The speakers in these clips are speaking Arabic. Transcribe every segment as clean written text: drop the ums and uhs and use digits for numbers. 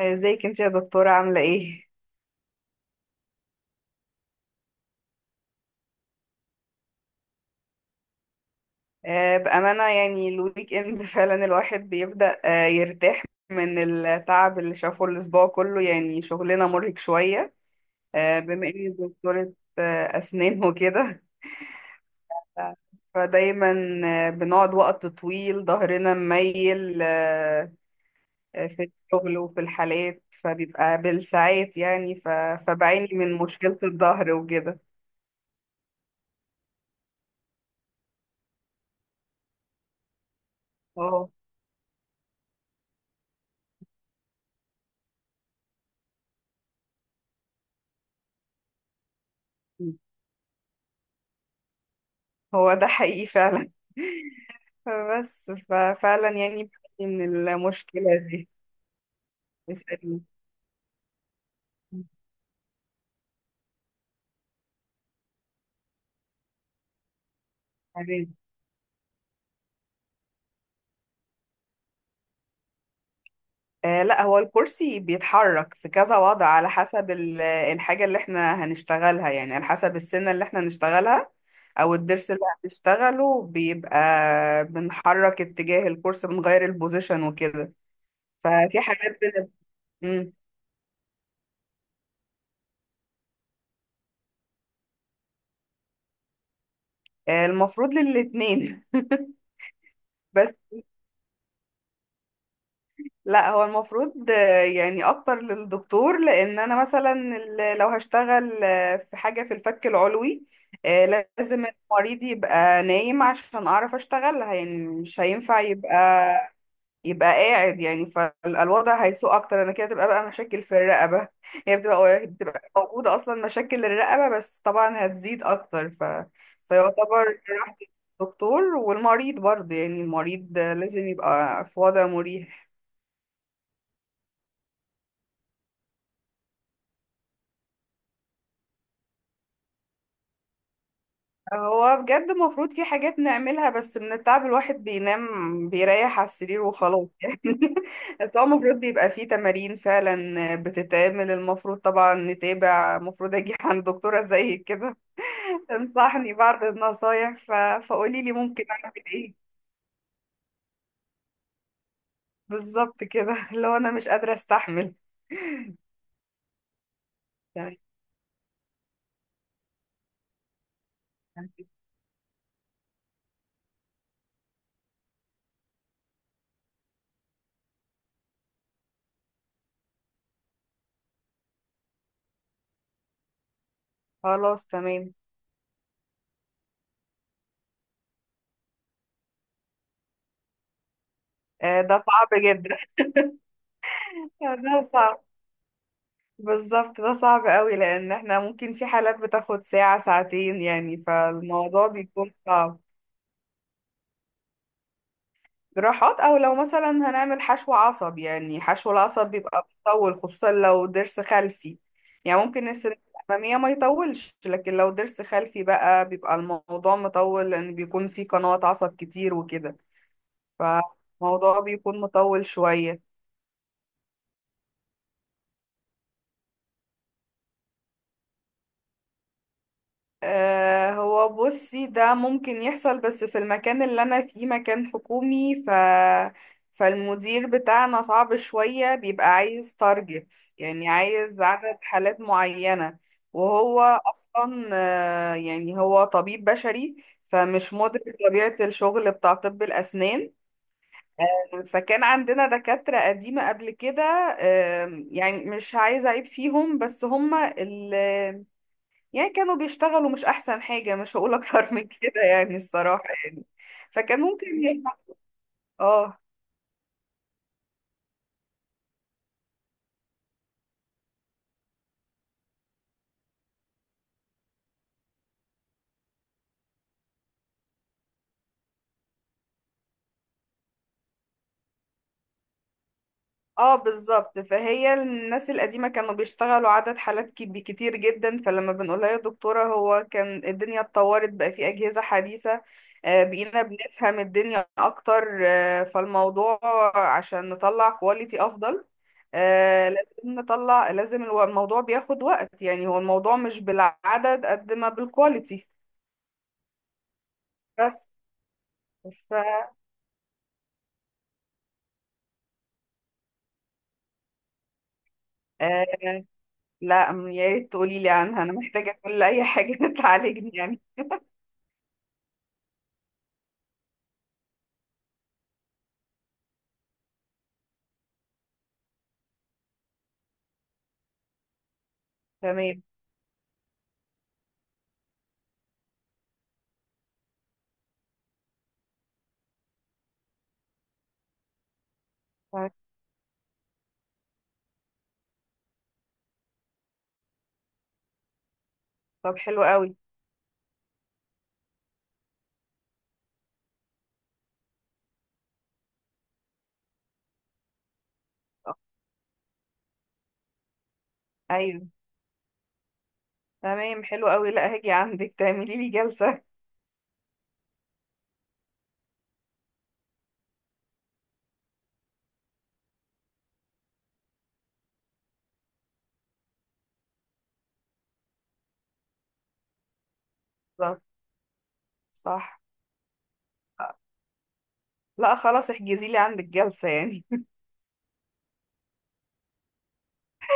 ازيك انت يا دكتورة عاملة ايه؟ بأمانة يعني الويك اند فعلا الواحد بيبدأ يرتاح من التعب اللي شافه الأسبوع كله. يعني شغلنا مرهق شوية، بما اني دكتورة أسنان وكده. ف- فدايما بنقعد وقت طويل، ظهرنا مميل في الشغل وفي الحالات، فبيبقى بالساعات يعني. فبعاني من مشكلة الظهر وكده. اه، هو ده حقيقي فعلا. فبس ففعلا يعني بتعاني من المشكلة دي. اسألني. تمام. آه، لا، هو الكرسي بيتحرك في كذا وضع، على حسب الحاجة اللي احنا هنشتغلها، يعني على حسب السنة اللي احنا هنشتغلها أو الضرس اللي هنشتغله. بيبقى بنحرك اتجاه الكرسي، بنغير البوزيشن وكده. ففي حاجات بن... مم. آه، المفروض للاتنين. بس لا، هو المفروض يعني اكتر للدكتور، لان انا مثلا لو هشتغل في حاجه في الفك العلوي لازم المريض يبقى نايم عشان اعرف اشتغلها. يعني مش هينفع يبقى قاعد يعني، فالوضع هيسوء اكتر. انا كده تبقى بقى مشاكل في الرقبه، هي بتبقى موجوده اصلا مشاكل الرقبه، بس طبعا هتزيد اكتر. فيعتبر راحه الدكتور والمريض برضه. يعني المريض لازم يبقى في وضع مريح. هو بجد المفروض في حاجات نعملها، بس من التعب الواحد بينام بيريح على السرير وخلاص يعني. بس هو المفروض بيبقى فيه تمارين فعلا بتتعمل، المفروض طبعا نتابع، المفروض اجي عند دكتورة زي كده تنصحني بعض النصايح. فقولي لي ممكن اعمل ايه. بالظبط كده، لو انا مش قادرة استحمل. تمام. خلاص تمام. ده صعب جدا. ده صعب، بالظبط، ده صعب قوي، لان احنا ممكن في حالات بتاخد ساعة ساعتين يعني، فالموضوع بيكون صعب. جراحات، او لو مثلا هنعمل حشو عصب، يعني حشو العصب بيبقى بيطول خصوصا لو ضرس خلفي. يعني ممكن السنة الأمامية ما يطولش، لكن لو ضرس خلفي بقى بيبقى الموضوع مطول، لان بيكون في قنوات عصب كتير وكده، فالموضوع بيكون مطول شوية. هو بصي ده ممكن يحصل، بس في المكان اللي انا فيه مكان حكومي، فالمدير بتاعنا صعب شوية، بيبقى عايز تارجت، يعني عايز عدد حالات معينة. وهو أصلا يعني هو طبيب بشري، فمش مدرك طبيعة الشغل بتاع طب الأسنان. فكان عندنا دكاترة قديمة قبل كده، يعني مش عايزة أعيب فيهم، بس هما اللي يعني كانوا بيشتغلوا مش احسن حاجة، مش هقول اكتر من كده يعني، الصراحة يعني. فكان ممكن يبقى. اه، اه بالظبط. فهي الناس القديمة كانوا بيشتغلوا عدد حالات كتير جدا، فلما بنقولها يا دكتورة هو كان الدنيا اتطورت بقى، في أجهزة حديثة، بقينا بنفهم الدنيا أكتر. فالموضوع عشان نطلع كواليتي أفضل، لازم نطلع، لازم الموضوع بياخد وقت يعني. هو الموضوع مش بالعدد قد ما بالكواليتي. بس ف آه، لا م- يا ريت تقولي لي عنها، انا محتاجه كل اي حاجه تعالجني يعني. تمام. طب حلو قوي. ايوه، تمام، حلو قوي. لا، هاجي عندك تعملي لي جلسه. بالظبط. صح. لا خلاص، احجزي لي عندك جلسه يعني.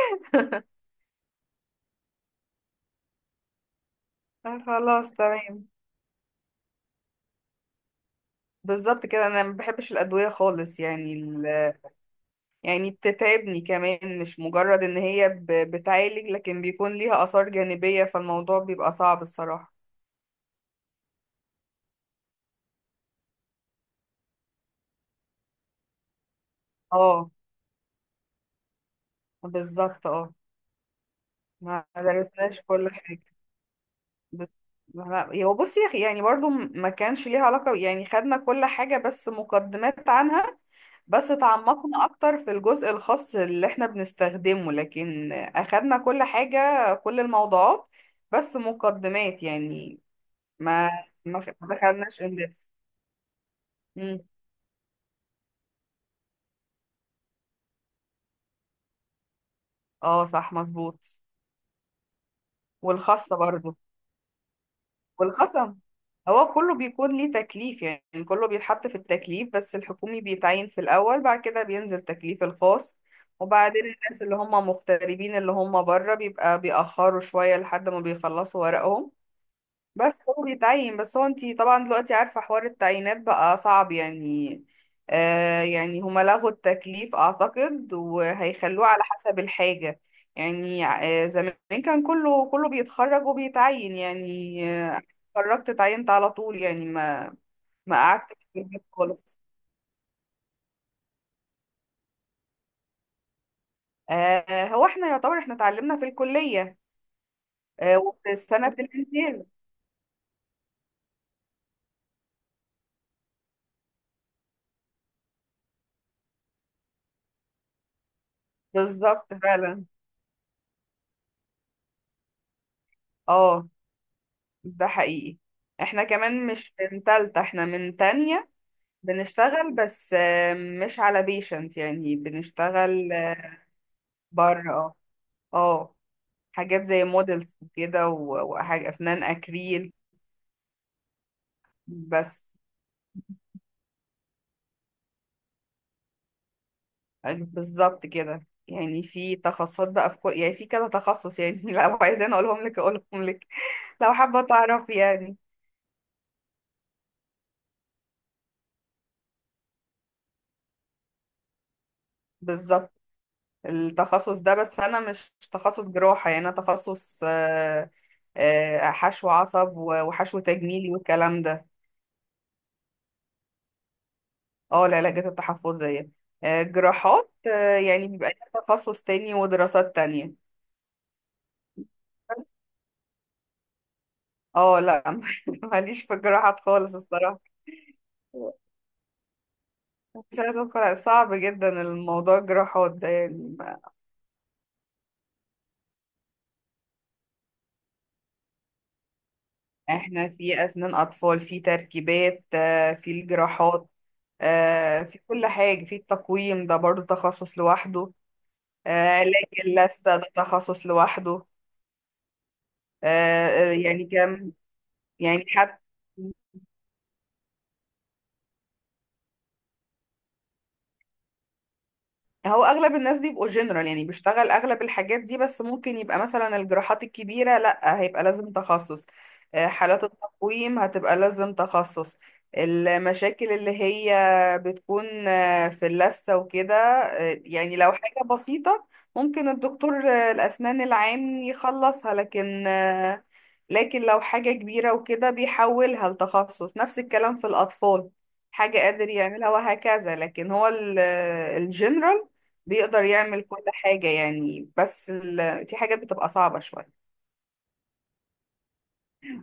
خلاص تمام. بالظبط كده، انا ما بحبش الادويه خالص يعني. يعني بتتعبني كمان، مش مجرد ان هي ب... بتعالج، لكن بيكون ليها اثار جانبيه، فالموضوع بيبقى صعب الصراحه. اه، بالظبط اه. ما درسناش كل حاجة. بس ما- هو بصي يا أخي، يعني برضو ما كانش ليها علاقة يعني، خدنا كل حاجة بس مقدمات عنها، بس تعمقنا أكتر في الجزء الخاص اللي احنا بنستخدمه، لكن أخدنا كل حاجة، كل الموضوعات بس مقدمات يعني. ما ما دخلناش اندبس. اه، صح، مظبوط. والخاصة برضو. والخصم هو كله بيكون ليه تكليف يعني، كله بيتحط في التكليف، بس الحكومي بيتعين في الأول، بعد كده بينزل تكليف الخاص، وبعدين الناس اللي هم مغتربين اللي هم بره بيبقى بيأخروا شوية لحد ما بيخلصوا ورقهم. بس هو بيتعين. بس هو انتي طبعا دلوقتي عارفة حوار التعيينات بقى صعب يعني. آه، يعني هما لغوا التكليف اعتقد، وهيخلوه على حسب الحاجة. يعني آه، زمان كان كله بيتخرج وبيتعين يعني. آه، اتخرجت اتعينت على طول يعني، ما قعدت في البيت خالص. آه، هو احنا يعتبر احنا اتعلمنا في الكلية، وفي السنة في الامتياز. بالظبط فعلا. اه، ده حقيقي. احنا كمان مش من تالتة، احنا من تانية بنشتغل، بس مش على بيشنت، يعني بنشتغل بره. اه. اه، حاجات زي مودلز وكده، وحاجة أسنان أكريل بس. بالظبط كده. يعني في تخصصات بقى، في كل يعني في كذا تخصص يعني، لو عايزين أقولهم لك، لو حابة تعرف يعني. بالظبط. التخصص ده، بس أنا مش تخصص جراحة، يعني أنا تخصص حشو عصب وحشو تجميلي والكلام ده. اه، العلاج التحفظية. جراحات، يعني بيبقى ليها تخصص تاني ودراسات تانية. اه، لا، ماليش في الجراحات خالص الصراحة. مش عايزة ادخل، صعب جدا الموضوع الجراحات ده يعني. احنا في اسنان اطفال، في تركيبات، في الجراحات، في كل حاجة. في التقويم ده برضو تخصص لوحده. علاج اللثة ده تخصص لوحده. يعني كم. يعني حتى هو اغلب الناس بيبقوا جنرال، يعني بيشتغل اغلب الحاجات دي، بس ممكن يبقى مثلا الجراحات الكبيرة لا، هيبقى لازم تخصص. حالات التقويم هتبقى لازم تخصص. المشاكل اللي هي بتكون في اللثة وكده يعني لو حاجة بسيطة، ممكن الدكتور الأسنان العام يخلصها، لكن لو حاجة كبيرة وكده بيحولها لتخصص. نفس الكلام في الأطفال، حاجة قادر يعملها وهكذا. لكن هو الجنرال بيقدر يعمل كل حاجة يعني، بس في حاجات بتبقى صعبة شوية.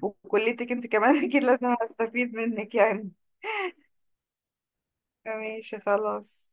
وكليتك انت كمان اكيد لازم استفيد منك يعني. ماشي خلاص.